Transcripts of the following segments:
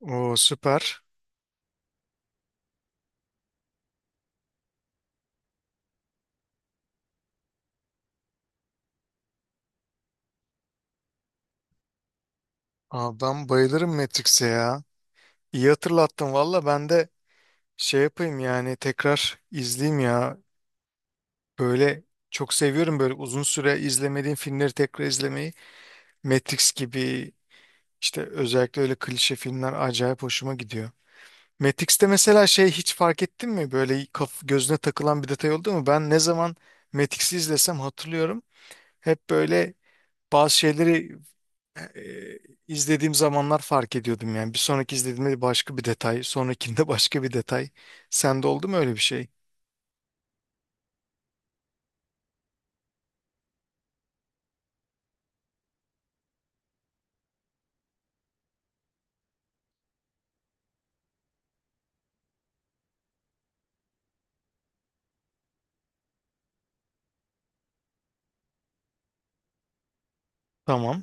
Oo süper. Adam bayılırım Matrix'e ya. İyi hatırlattın valla ben de şey yapayım yani tekrar izleyeyim ya. Böyle çok seviyorum böyle uzun süre izlemediğim filmleri tekrar izlemeyi. Matrix gibi işte özellikle öyle klişe filmler acayip hoşuma gidiyor. Matrix'te mesela şey hiç fark ettin mi? Böyle kaf gözüne takılan bir detay oldu mu? Ben ne zaman Matrix'i izlesem hatırlıyorum. Hep böyle bazı şeyleri Eee, izlediğim zamanlar fark ediyordum yani. Bir sonraki izlediğimde başka bir detay, sonrakinde başka bir detay. Sende oldu mu öyle bir şey? Tamam.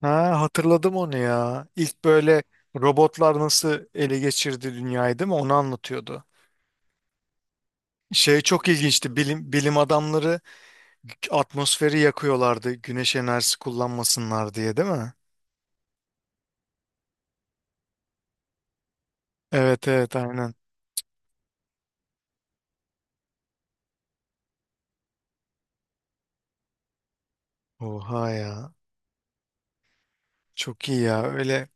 Ha, hatırladım onu ya. İlk böyle robotlar nasıl ele geçirdi dünyayı, değil mi? Onu anlatıyordu. Şey çok ilginçti. Bilim adamları atmosferi yakıyorlardı. Güneş enerjisi kullanmasınlar diye, değil mi? Evet, evet, aynen. Oha ya. Çok iyi ya. Öyle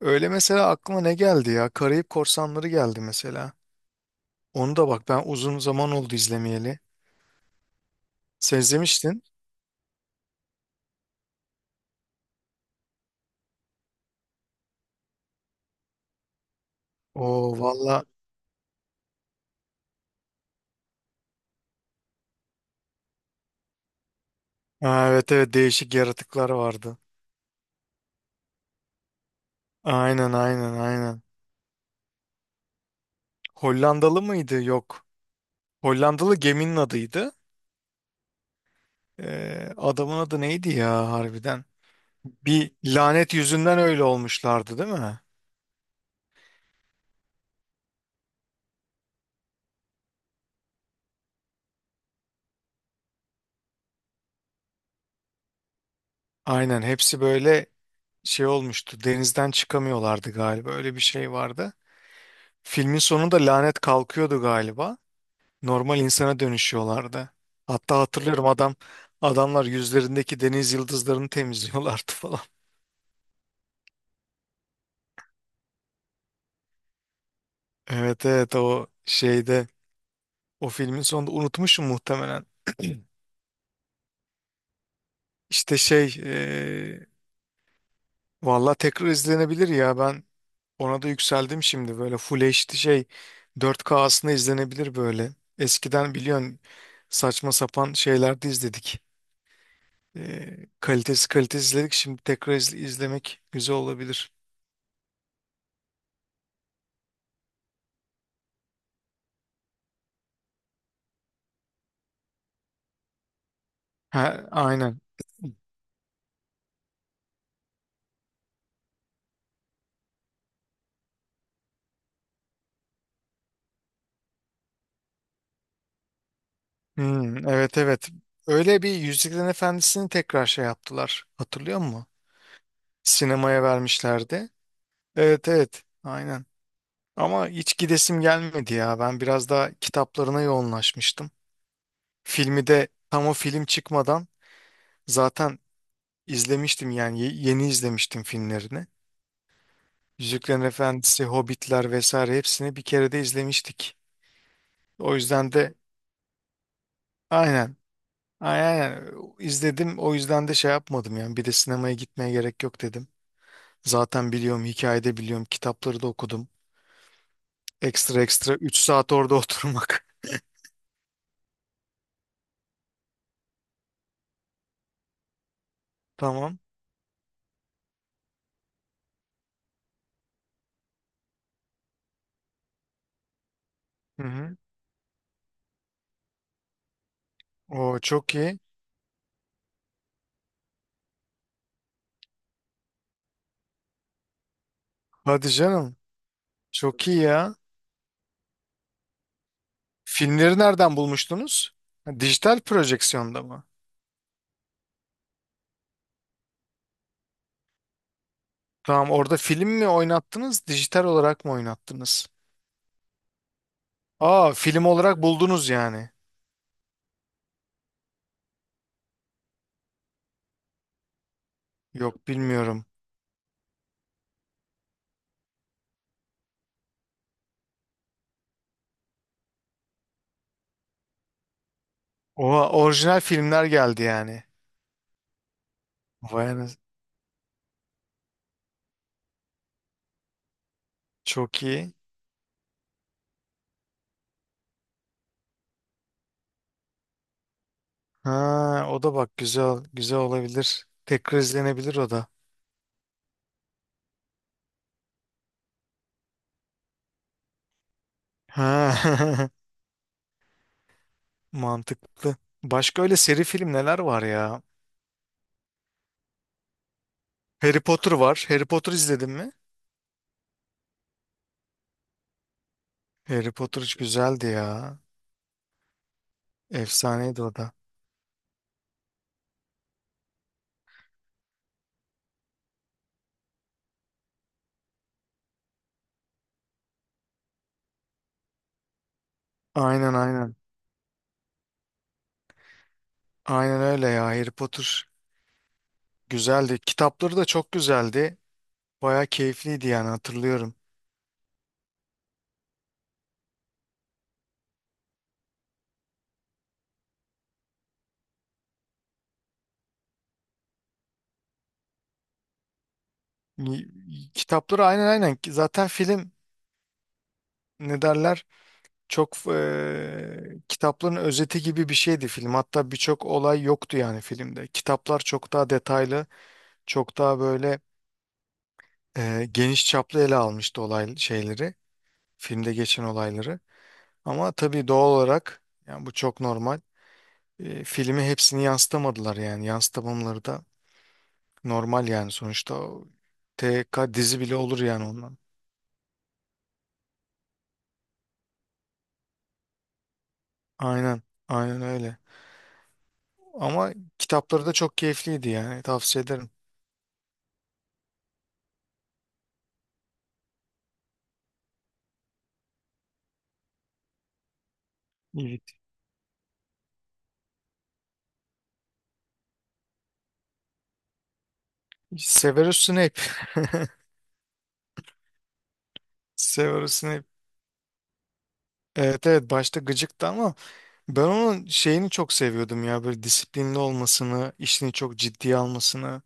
öyle mesela aklıma ne geldi ya? Karayip Korsanları geldi mesela. Onu da bak ben uzun zaman oldu izlemeyeli. Sen izlemiştin. Oo valla. Ha, evet, evet, değişik yaratıklar vardı. Aynen, aynen, aynen. Hollandalı mıydı? Yok. Hollandalı geminin adıydı. Adamın adı neydi ya harbiden? Bir lanet yüzünden öyle olmuşlardı, değil mi? Aynen hepsi böyle şey olmuştu. Denizden çıkamıyorlardı galiba. Öyle bir şey vardı. Filmin sonunda lanet kalkıyordu galiba. Normal insana dönüşüyorlardı. Hatta hatırlıyorum adamlar yüzlerindeki deniz yıldızlarını temizliyorlardı falan. Evet, evet, o şeyde o filmin sonunda unutmuşum muhtemelen. İşte şey e, valla tekrar izlenebilir ya ben ona da yükseldim şimdi böyle Full HD şey 4K aslında izlenebilir böyle. Eskiden biliyorsun saçma sapan şeylerde izledik. Kalitesi izledik şimdi izlemek güzel olabilir. Ha, aynen. Hmm, evet, evet. Öyle bir Yüzüklerin Efendisi'ni tekrar şey yaptılar. Hatırlıyor musun? Sinemaya vermişlerdi. Evet, evet. Aynen. Ama hiç gidesim gelmedi ya. Ben biraz daha kitaplarına yoğunlaşmıştım. Filmi de tam o film çıkmadan zaten izlemiştim yani yeni izlemiştim filmlerini. Yüzüklerin Efendisi, Hobbitler vesaire hepsini bir kere de izlemiştik. O yüzden de aynen. Aynen. Aynen. İzledim. O yüzden de şey yapmadım yani. Bir de sinemaya gitmeye gerek yok dedim. Zaten biliyorum, hikayede biliyorum, kitapları da okudum. Ekstra ekstra 3 saat orada oturmak. Tamam. Hı hı. O çok iyi. Hadi canım. Çok iyi ya. Filmleri nereden bulmuştunuz? Ha, dijital projeksiyonda mı? Tamam, orada film mi oynattınız, dijital olarak mı oynattınız? Aa, film olarak buldunuz yani. Yok, bilmiyorum. Oha, orijinal filmler geldi yani. Vay anas- Çok iyi. Ha, o da bak güzel, güzel olabilir. Tekrar izlenebilir o da. Ha, mantıklı. Başka öyle seri film neler var ya? Harry Potter var. Harry Potter izledin mi? Harry Potter hiç güzeldi ya. Efsaneydi o da. Aynen, aynen. Aynen öyle ya. Harry Potter güzeldi. Kitapları da çok güzeldi. Baya keyifliydi yani hatırlıyorum. Kitapları aynen aynen. Zaten film ne derler? Çok kitapların özeti gibi bir şeydi film. Hatta birçok olay yoktu yani filmde. Kitaplar çok daha detaylı, çok daha böyle geniş çaplı ele almıştı olay şeyleri, filmde geçen olayları. Ama tabii doğal olarak yani bu çok normal. Filmi hepsini yansıtamadılar yani yansıtamamaları da normal yani sonuçta o TK dizi bile olur yani ondan. Aynen, aynen öyle. Ama kitapları da çok keyifliydi yani tavsiye ederim. Evet. Severus Snape. Severus Snape. Evet, evet, başta gıcıktı ama ben onun şeyini çok seviyordum ya böyle disiplinli olmasını, işini çok ciddiye almasını.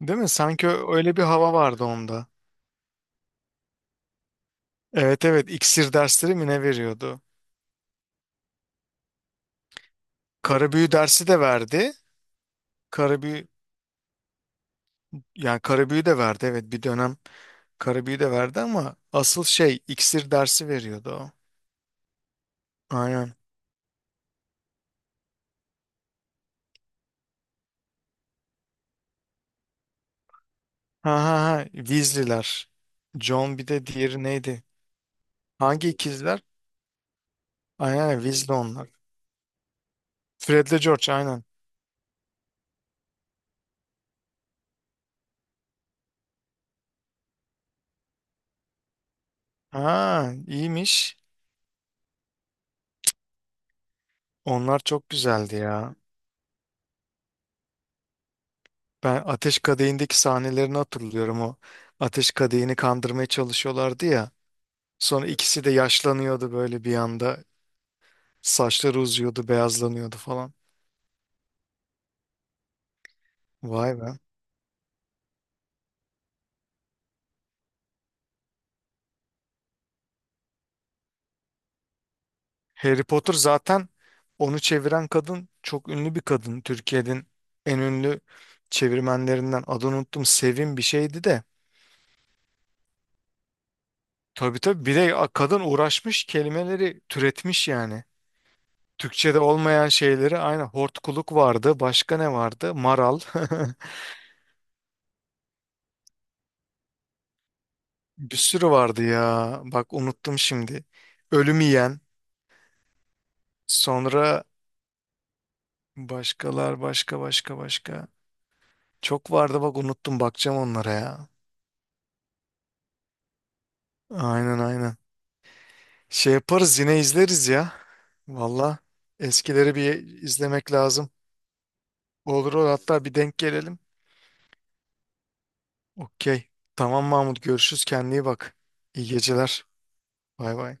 Değil mi? Sanki öyle bir hava vardı onda. Evet, evet, iksir dersleri mi ne veriyordu? Karabüyü dersi de verdi. Karabüyü yani karabüyü de verdi, evet, bir dönem karabüyü de verdi ama asıl şey iksir dersi veriyordu o. Aynen. Ha ha ha Weasley'ler. John, bir de diğeri neydi? Hangi ikizler? Aynen Weasley onlar. Fred'le George aynen. Ha, iyiymiş. Onlar çok güzeldi ya. Ben Ateş Kadehi'ndeki sahnelerini hatırlıyorum o. Ateş Kadehi'ni kandırmaya çalışıyorlardı ya. Sonra ikisi de yaşlanıyordu böyle bir anda. Saçları uzuyordu, beyazlanıyordu falan. Vay be. Harry Potter zaten onu çeviren kadın çok ünlü bir kadın. Türkiye'nin en ünlü çevirmenlerinden adını unuttum. Sevim bir şeydi de. Tabii, tabii, bir de kadın uğraşmış kelimeleri türetmiş yani. Türkçe'de olmayan şeyleri aynı hortkuluk vardı. Başka ne vardı? Maral. Bir sürü vardı ya. Bak unuttum şimdi. Ölüm yiyen. Sonra başka başka başka. Çok vardı bak unuttum bakacağım onlara ya. Aynen, aynen. Şey yaparız yine izleriz ya. Valla eskileri bir izlemek lazım. Olur, olur, hatta bir denk gelelim. Okey. Tamam Mahmut, görüşürüz, kendine iyi bak. İyi geceler. Bay bay.